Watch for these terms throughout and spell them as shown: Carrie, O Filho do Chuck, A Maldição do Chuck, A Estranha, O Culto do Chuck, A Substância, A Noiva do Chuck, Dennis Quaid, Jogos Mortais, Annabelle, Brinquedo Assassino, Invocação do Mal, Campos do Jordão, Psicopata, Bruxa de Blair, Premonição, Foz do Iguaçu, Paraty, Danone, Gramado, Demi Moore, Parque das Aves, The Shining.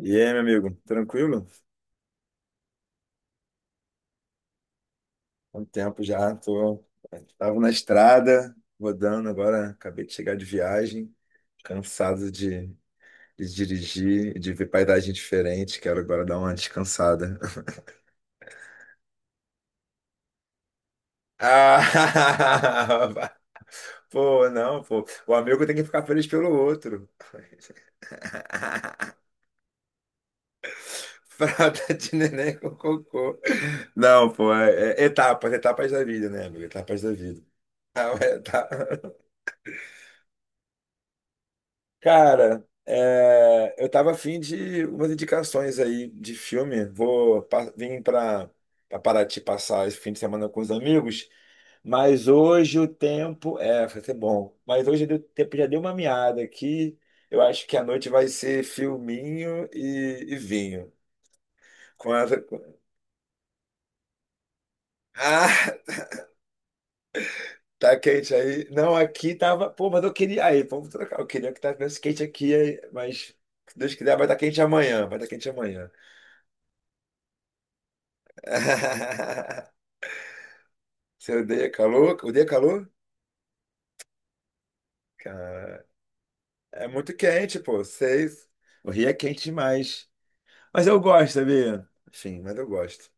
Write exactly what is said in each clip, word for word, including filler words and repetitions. E aí, meu amigo, tranquilo? Há um tempo já, tô... Tava na estrada, rodando agora, acabei de chegar de viagem, cansado de, de dirigir, de ver paisagem diferente, quero agora dar uma descansada. Ah! Pô, não, pô. O amigo tem que ficar feliz pelo outro. Fralda de neném com cocô. Não, pô, é, é etapas, etapas da vida, né, amigo? Etapas da vida. Ah, é, tá. Cara, é, eu tava afim de umas indicações aí de filme. Vou pa- vim para Paraty passar esse fim de semana com os amigos, mas hoje o tempo é, vai ser bom. Mas hoje o tempo já deu uma meada aqui. Eu acho que a noite vai ser filminho e, e vinho. Com essa... com- Ah, tá quente aí. Não, aqui tava. Pô, mas eu queria. Aí, vamos trocar. Eu queria que tivesse quente aqui, aí, mas se Deus quiser, vai estar quente amanhã. Vai estar quente amanhã. Você odeia calor? Odeia calor? Cara, é muito quente, pô. Seis. O Rio é quente demais. Mas eu gosto, sabia? Enfim, mas eu gosto.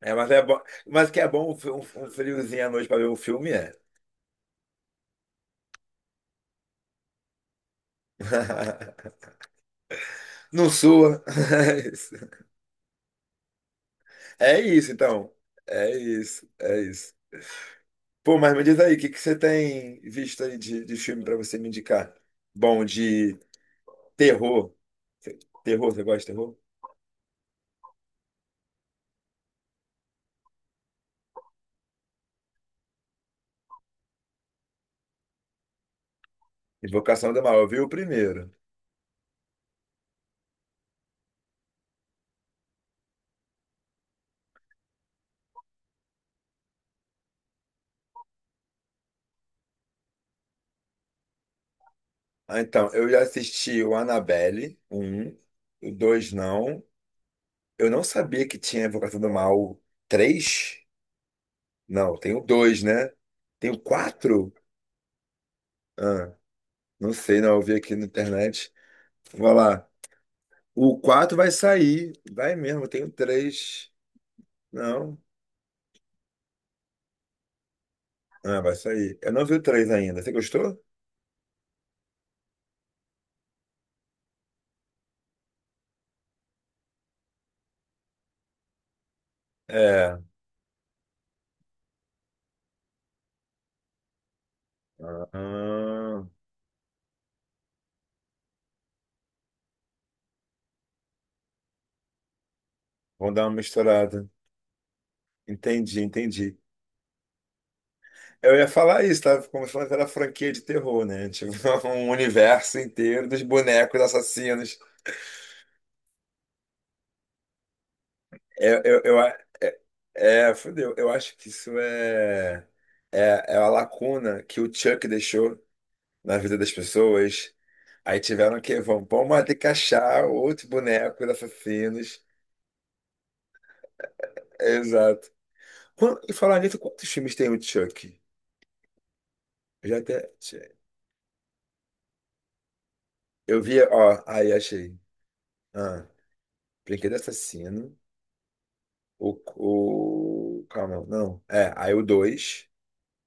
É, mas é bom. Mas que é bom um, fi- um- um friozinho à noite pra ver um filme, é. Não sua. É isso, é então. É isso, é isso. Pô, mas me diz aí, o que que você tem visto aí de, de filme pra você me indicar? Bom, de terror. Terror, você gosta de terror? Invocação do Mal, eu vi o primeiro. Ah, então, eu já assisti o Annabelle, o um, o dois não. Eu não sabia que tinha Invocação do Mal Três. Não, tem o dois, né? Tem o quatro. Ah, não sei, não, eu vi aqui na internet. Vou lá. O quatro vai sair. Vai mesmo, tem o três. Não. Ah, vai sair. Eu não vi o três ainda. Você gostou? É. Ah, vamos dar uma misturada. Entendi, entendi. Eu ia falar isso, tava começando aquela franquia de terror, né? Tipo, um universo inteiro dos bonecos assassinos. Eu, eu, eu, a- é, é, fudeu. Eu acho que isso é, é, é a lacuna que o Chuck deixou na vida das pessoas. Aí tiveram que, vamos, vamos ter que achar outro boneco de assassinos. Exato. Quan- E falar nisso, quantos filmes tem o Chuck? Eu já até. Eu vi, ó, aí achei. Ah, Brinquedo Assassino. O, o... Calma, não. É, aí o dois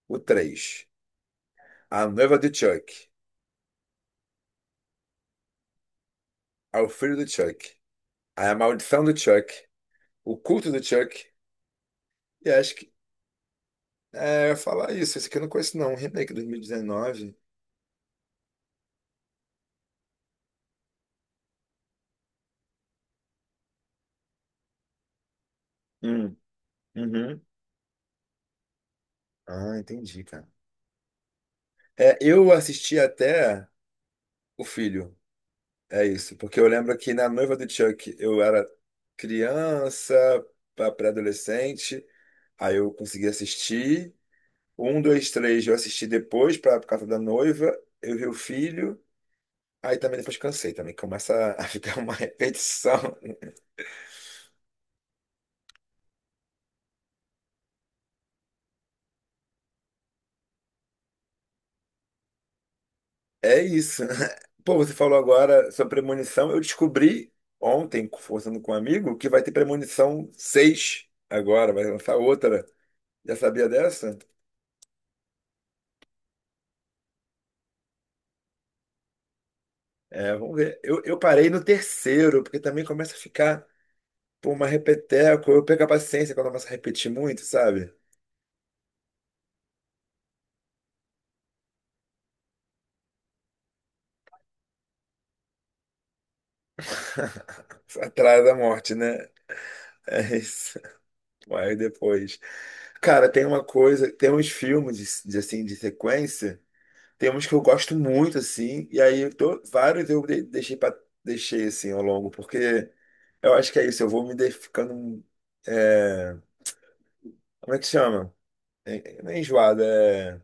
o três. A noiva do Chuck. Aí o filho do Chuck. Aí a maldição do Chuck. O culto do Chuck. E acho que. É, eu ia falar isso. Esse aqui eu não conheço, não. Um remake dois mil e dezenove. Hum, uhum. Ah, entendi, cara. É, eu assisti até o filho. É isso. Porque eu lembro que na noiva do Chuck eu era criança, pra- pré-adolescente. Aí eu consegui assistir. Um, dois, três eu assisti depois pra, por causa da noiva. Eu vi o filho. Aí também depois cansei também. Começa a ficar uma repetição. É isso. Pô, você falou agora sobre premonição. Eu descobri ontem, conversando com um amigo, que vai ter premonição seis agora. Vai lançar outra. Já sabia dessa? É, vamos ver. Eu, eu parei no terceiro, porque também começa a ficar por uma repeteco. Eu perco a paciência quando começa a repetir muito, sabe? Atrás da morte, né? É isso. Aí depois. Cara, tem uma coisa, tem uns filmes de, de, assim de sequência, tem uns que eu gosto muito assim, e aí eu tô- vários eu de- deixei para deixei assim ao longo, porque eu acho que é isso, eu vou me de- ficando é, como é que chama? É, é, não é enjoado, é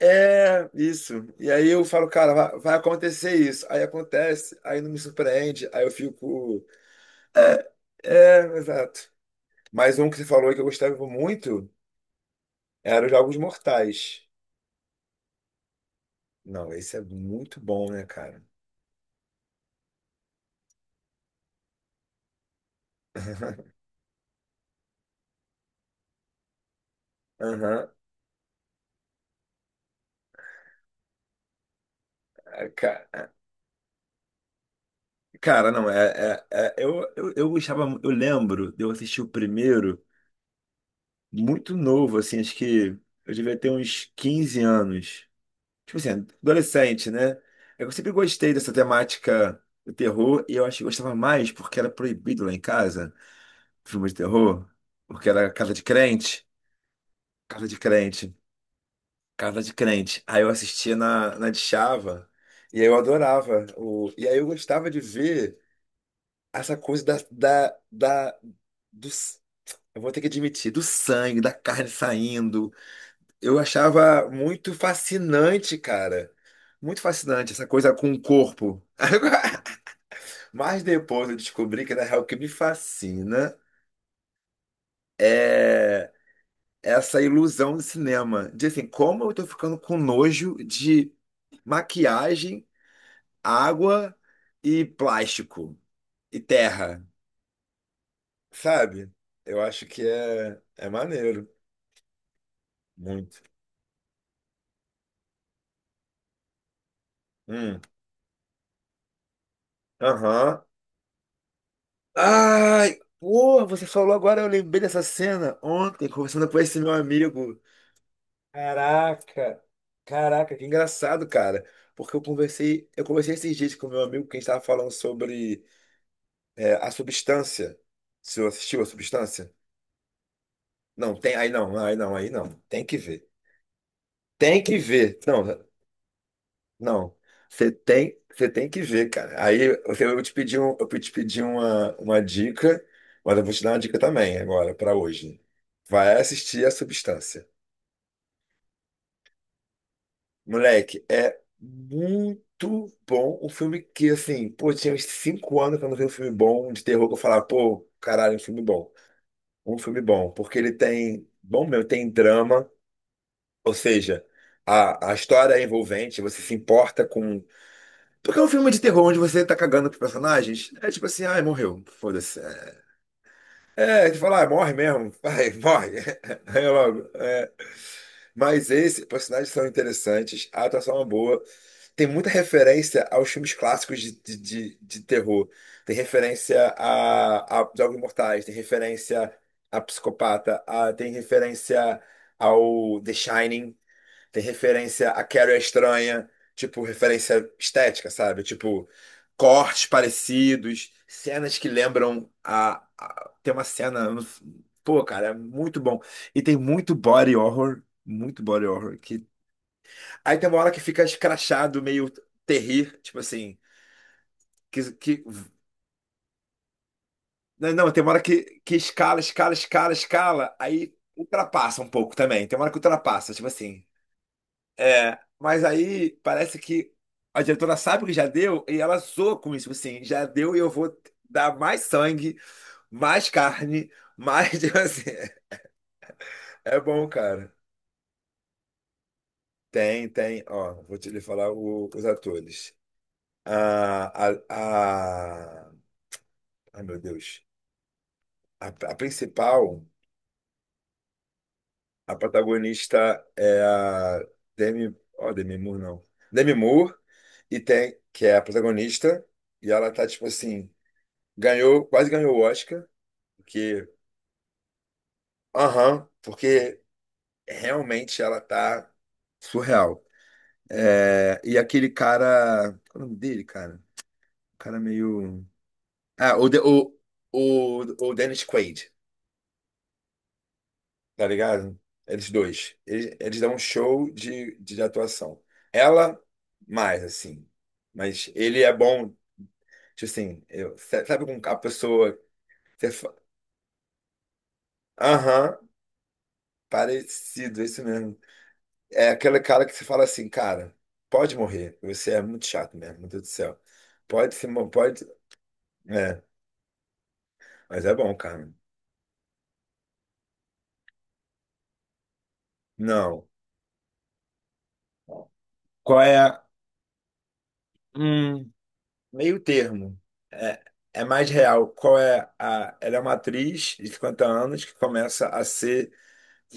é isso. E aí eu falo, cara, vai, vai acontecer isso. Aí acontece, aí não me surpreende, aí eu fico. É, é, exato. Mas um que você falou que eu gostava muito era os Jogos Mortais. Não, esse é muito bom, né, cara? Aham. É, ca- Cara, não, é, é, é- eu, eu, eu gostava, mu- eu lembro de eu assistir o primeiro muito novo, assim, acho que eu devia ter uns quinze anos. Tipo assim, adolescente, né? Eu sempre gostei dessa temática do terror e eu acho que gostava mais porque era proibido lá em casa, filme de terror, porque era casa de crente, casa de crente. Casa de Crente. Aí eu assistia na, na Discava e aí eu adorava. O, e aí eu gostava de ver essa coisa, da, da, da, do, s- eu vou ter que admitir, do sangue, da carne saindo. Eu achava muito fascinante, cara. Muito fascinante essa coisa com o corpo. Mas depois eu descobri que, na real, o que me fascina é essa ilusão do cinema. De assim, como eu tô ficando com nojo de maquiagem, água e plástico e terra, sabe? Eu acho que é, é maneiro, muito. Hum, aham. Ai, porra, você falou agora, eu lembrei dessa cena ontem, conversando com esse meu amigo. Caraca, caraca, que engraçado, cara. Porque eu conversei, eu conversei esses dias com meu amigo que a gente tava falando sobre é, a substância. Você assistiu a substância? Não, tem, aí não, aí não, aí não. Tem que ver. Tem que ver. Não, não, você tem, você tem que ver, cara. Aí eu eu vou te pedir um, eu vou te pedir uma, uma dica, mas eu vou te dar uma dica também agora pra hoje. Vai assistir A Substância. Moleque, é muito bom um filme que, assim, pô, tinha uns cinco anos que eu não vi um filme bom de terror que eu falava, pô, caralho, um filme bom. Um filme bom, porque ele tem, bom meu, tem drama, ou seja, a, a história é envolvente, você se importa com. Porque é um filme de terror onde você tá cagando pros personagens. É tipo assim, ai, morreu. Foda-se. É, de falar, ah, morre mesmo. Vai, morre. Aí logo. É. Mas esses personagens são interessantes, a atuação é boa. Tem muita referência aos filmes clássicos de, de, de, de terror. Tem referência a, a Jogos Mortais, tem referência a Psicopata, a- tem referência ao The Shining. Tem referência a Carrie a Estranha, tipo, referência estética, sabe? Tipo, cortes parecidos, cenas que lembram a, a- Tem uma cena. Pô, cara, é muito bom. E tem muito body horror, muito body horror. Que... Aí tem uma hora que fica escrachado, meio terrir, tipo assim. Que, que... Não, não, tem uma hora que, que escala, escala, escala, escala, aí ultrapassa um pouco também. Tem uma hora que ultrapassa, tipo assim. É, mas aí parece que a diretora sabe que já deu e ela zoa com isso, tipo assim, já deu e eu vou dar mais sangue, mais carne, mais, tipo assim, é bom, cara. Tem, tem, ó, vou te lhe falar o- os atores. A, a, a, ai, meu Deus, a, a principal, a protagonista é a Demi, ó, Demi Moore não, Demi Moore, e tem, que é a protagonista, e ela tá, tipo assim, ganhou, quase ganhou o Oscar, porque, aham, porque realmente ela tá surreal. É, e aquele cara, qual é o nome dele, cara? O cara meio. Ah, o, De- o, o, o Dennis Quaid, tá ligado? Eles dois. Eles, eles dão um show de, de atuação. Ela, mais, assim. Mas ele é bom, tipo assim, eu, sabe com a pessoa. você fa- Aham, parecido, é isso mesmo. É aquele cara que você fala assim, cara, pode morrer. Você é muito chato mesmo, meu Deus do céu. Pode se mo- pode. É, mas é bom, cara. Não. Qual é a. Hum, Meio termo. É, é mais real. Qual é a. Ela é uma atriz de cinquenta anos que começa a ser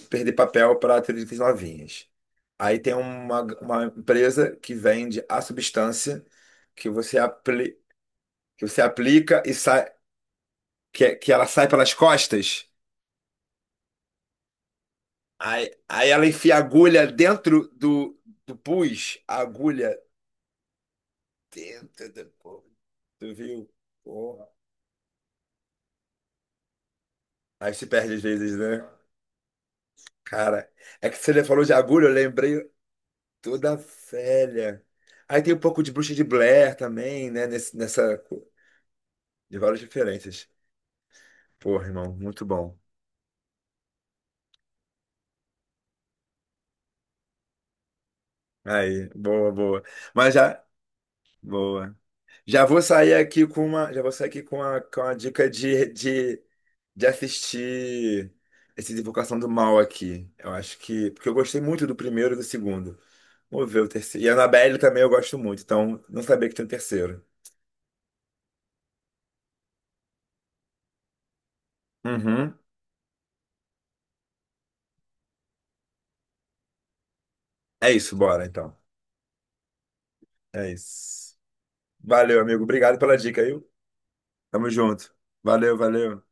perder papel para atrizes novinhas. Aí tem uma, uma empresa que vende a substância que você, apli, que você aplica e sai, que, é, que ela sai pelas costas. Aí, aí ela enfia a agulha dentro do, do pus, a agulha dentro do pus. Tu viu? Porra. Aí se perde às vezes, né? Cara, é que você falou de agulha, eu lembrei toda velha. Aí tem um pouco de Bruxa de Blair também, né? Nesse, nessa. De várias referências. Porra, irmão, muito bom. Aí, boa, boa. Mas já. Boa. Já vou sair aqui com uma. Já vou sair aqui com uma, com uma dica de, de, de assistir esse Invocação do Mal aqui. Eu acho que. Porque eu gostei muito do primeiro e do segundo. Vamos ver o terceiro. E a Annabelle também eu gosto muito, então não sabia que tem um terceiro. Uhum. É isso, bora então. É isso. Valeu, amigo. Obrigado pela dica, viu? Tamo junto. Valeu, valeu.